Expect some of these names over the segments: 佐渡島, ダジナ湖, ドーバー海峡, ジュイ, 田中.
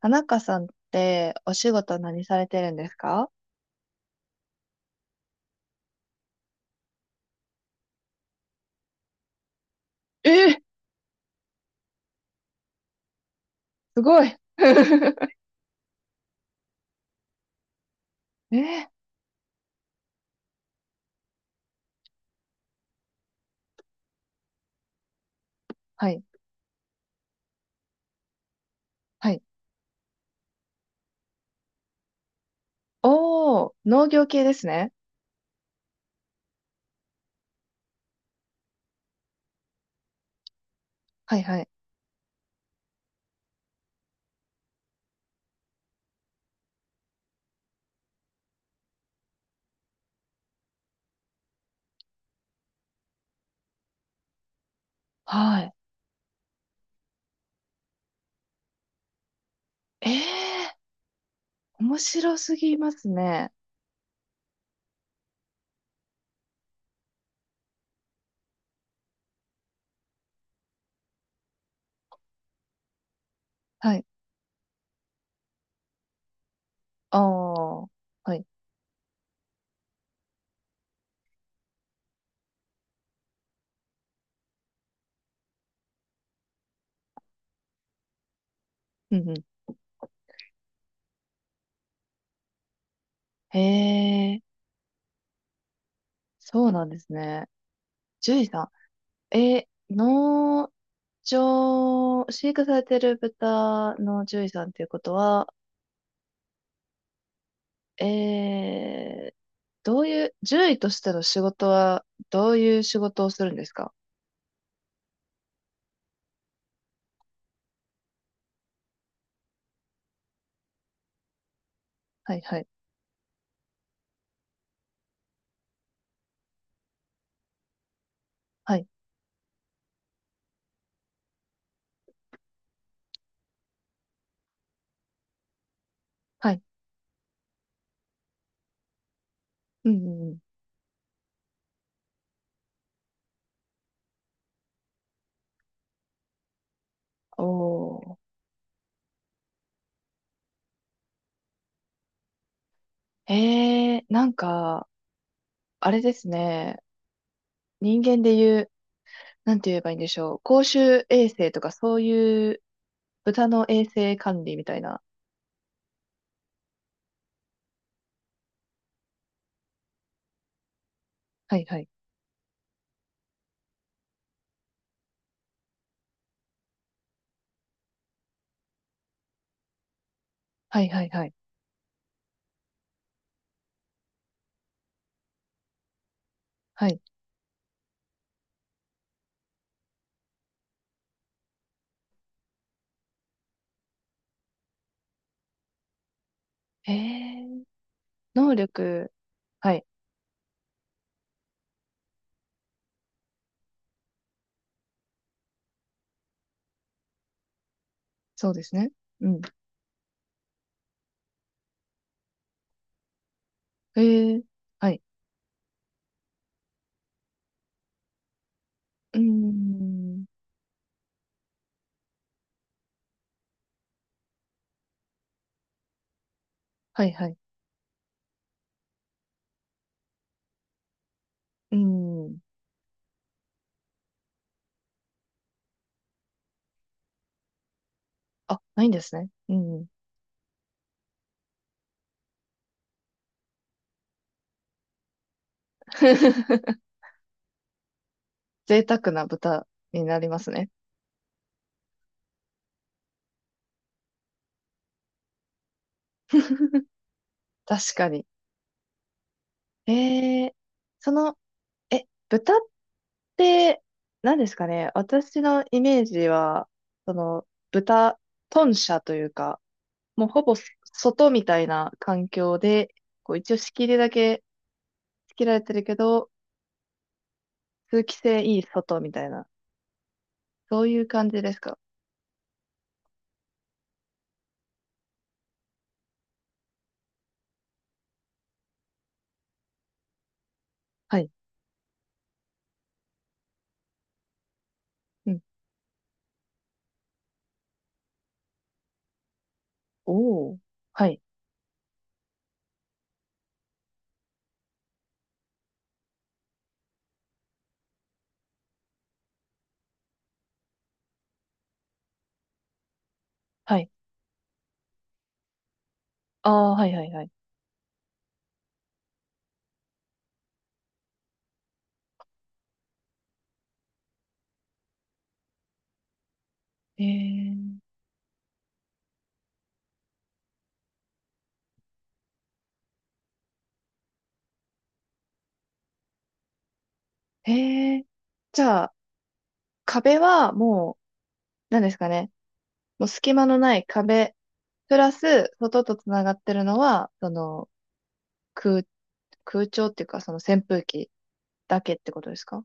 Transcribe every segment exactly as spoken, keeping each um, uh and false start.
田中さんってお仕事何されてるんですか？えー、すごい。えー、はい、はい。おー、農業系ですね。はい、はい。はい。えー、面白すぎますね。はい。おー、はい。うんうん。えー、そうなんですね。ジュイさん。えー、農場、飼育されてる豚の獣医さんっていうことは、えどういう、獣医としての仕事は、どういう仕事をするんですか？はいはい。はい。はい。うん、うんうん。おー。えー、なんか、あれですね。人間で言う、なんて言えばいいんでしょう。公衆衛生とかそういう豚の衛生管理みたいな。はいはい。はいはいはい。はい。えー、能力。はい。そうですね。うん。えー、はい。うーん。はいはい。うーん。あ、ないんですね。うん。贅沢な豚になりますね。確かに。えー、その、え、豚って、何ですかね。私のイメージは、その、豚、豚舎というか、もうほぼ外みたいな環境で、こう一応仕切りだけ仕切られてるけど、通気性いい外みたいな、そういう感じですか？はい。うん。おー。はい。はい。ああ、はいはいはい。えー、えー、じゃあ、壁はもう、なんですかね。もう隙間のない壁、プラス、外とつながってるのは、その、空、空調っていうか、その扇風機だけってことですか？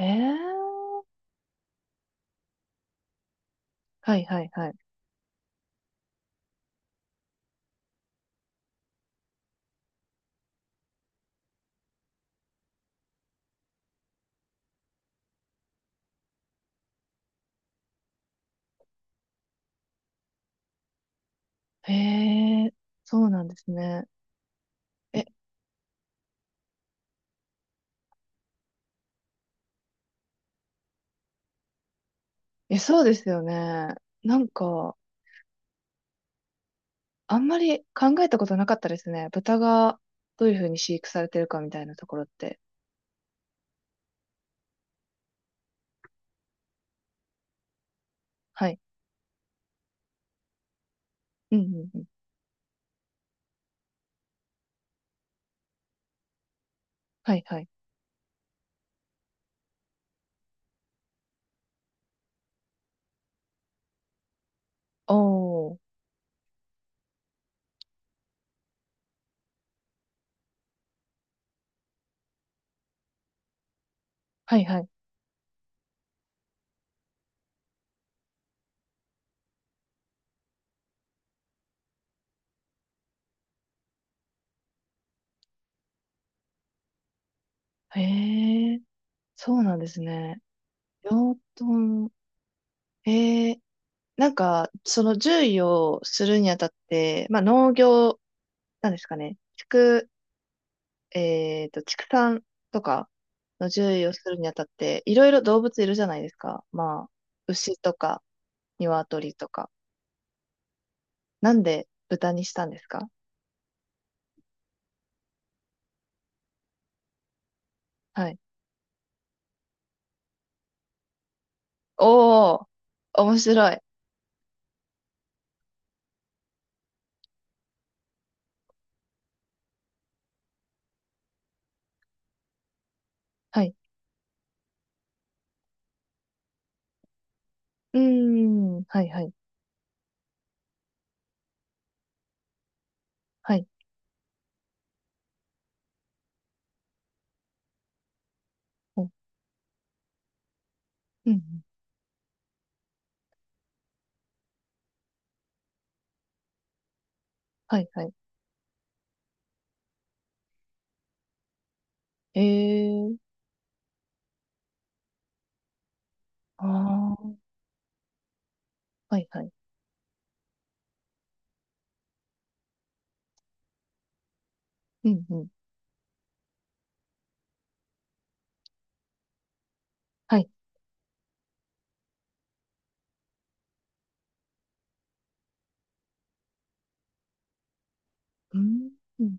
へえ。はいはいはい。へえ、そうなんですね。え、え、そうですよね。なんか、あんまり考えたことなかったですね。豚がどういうふうに飼育されてるかみたいなところって。はい。うんうんうん。はいはい。おー。はいはい。へえ、そうなんですね。養豚。えー、なんか、その獣医をするにあたって、まあ、農業、なんですかね、畜、えっと、畜産とかの獣医をするにあたって、いろいろ動物いるじゃないですか。まあ、牛とか、鶏とか。なんで豚にしたんですか？はい。おー、面白い。はい。うーん、はい、はい、はい。おうん、うん、はい、はい。えー、あー、はい、はい。うん、うん、はい。うん、うん。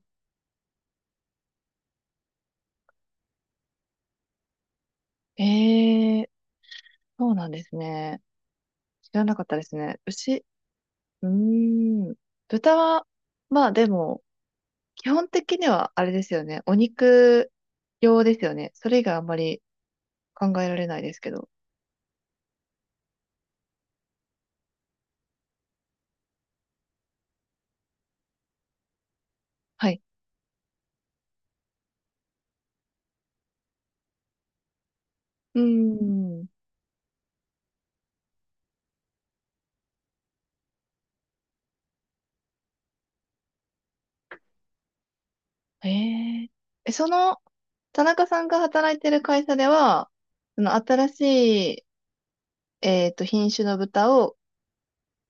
ええ、そうなんですね。知らなかったですね。牛、うーん。豚は、まあでも、基本的にはあれですよね。お肉用ですよね。それ以外あんまり考えられないですけど。はい。うーん。ええ。え、その、田中さんが働いてる会社では、その新しい、えっと、品種の豚を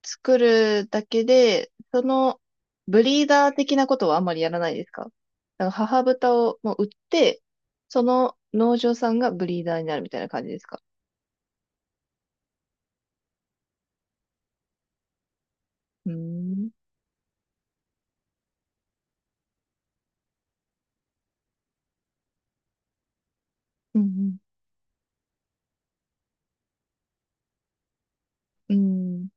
作るだけで、その、ブリーダー的なことはあんまりやらないですか？だから母豚をもう売って、その農場さんがブリーダーになるみたいな感じですか？うーん、うん、うん、うーん、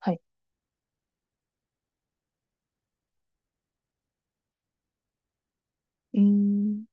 はい。うーん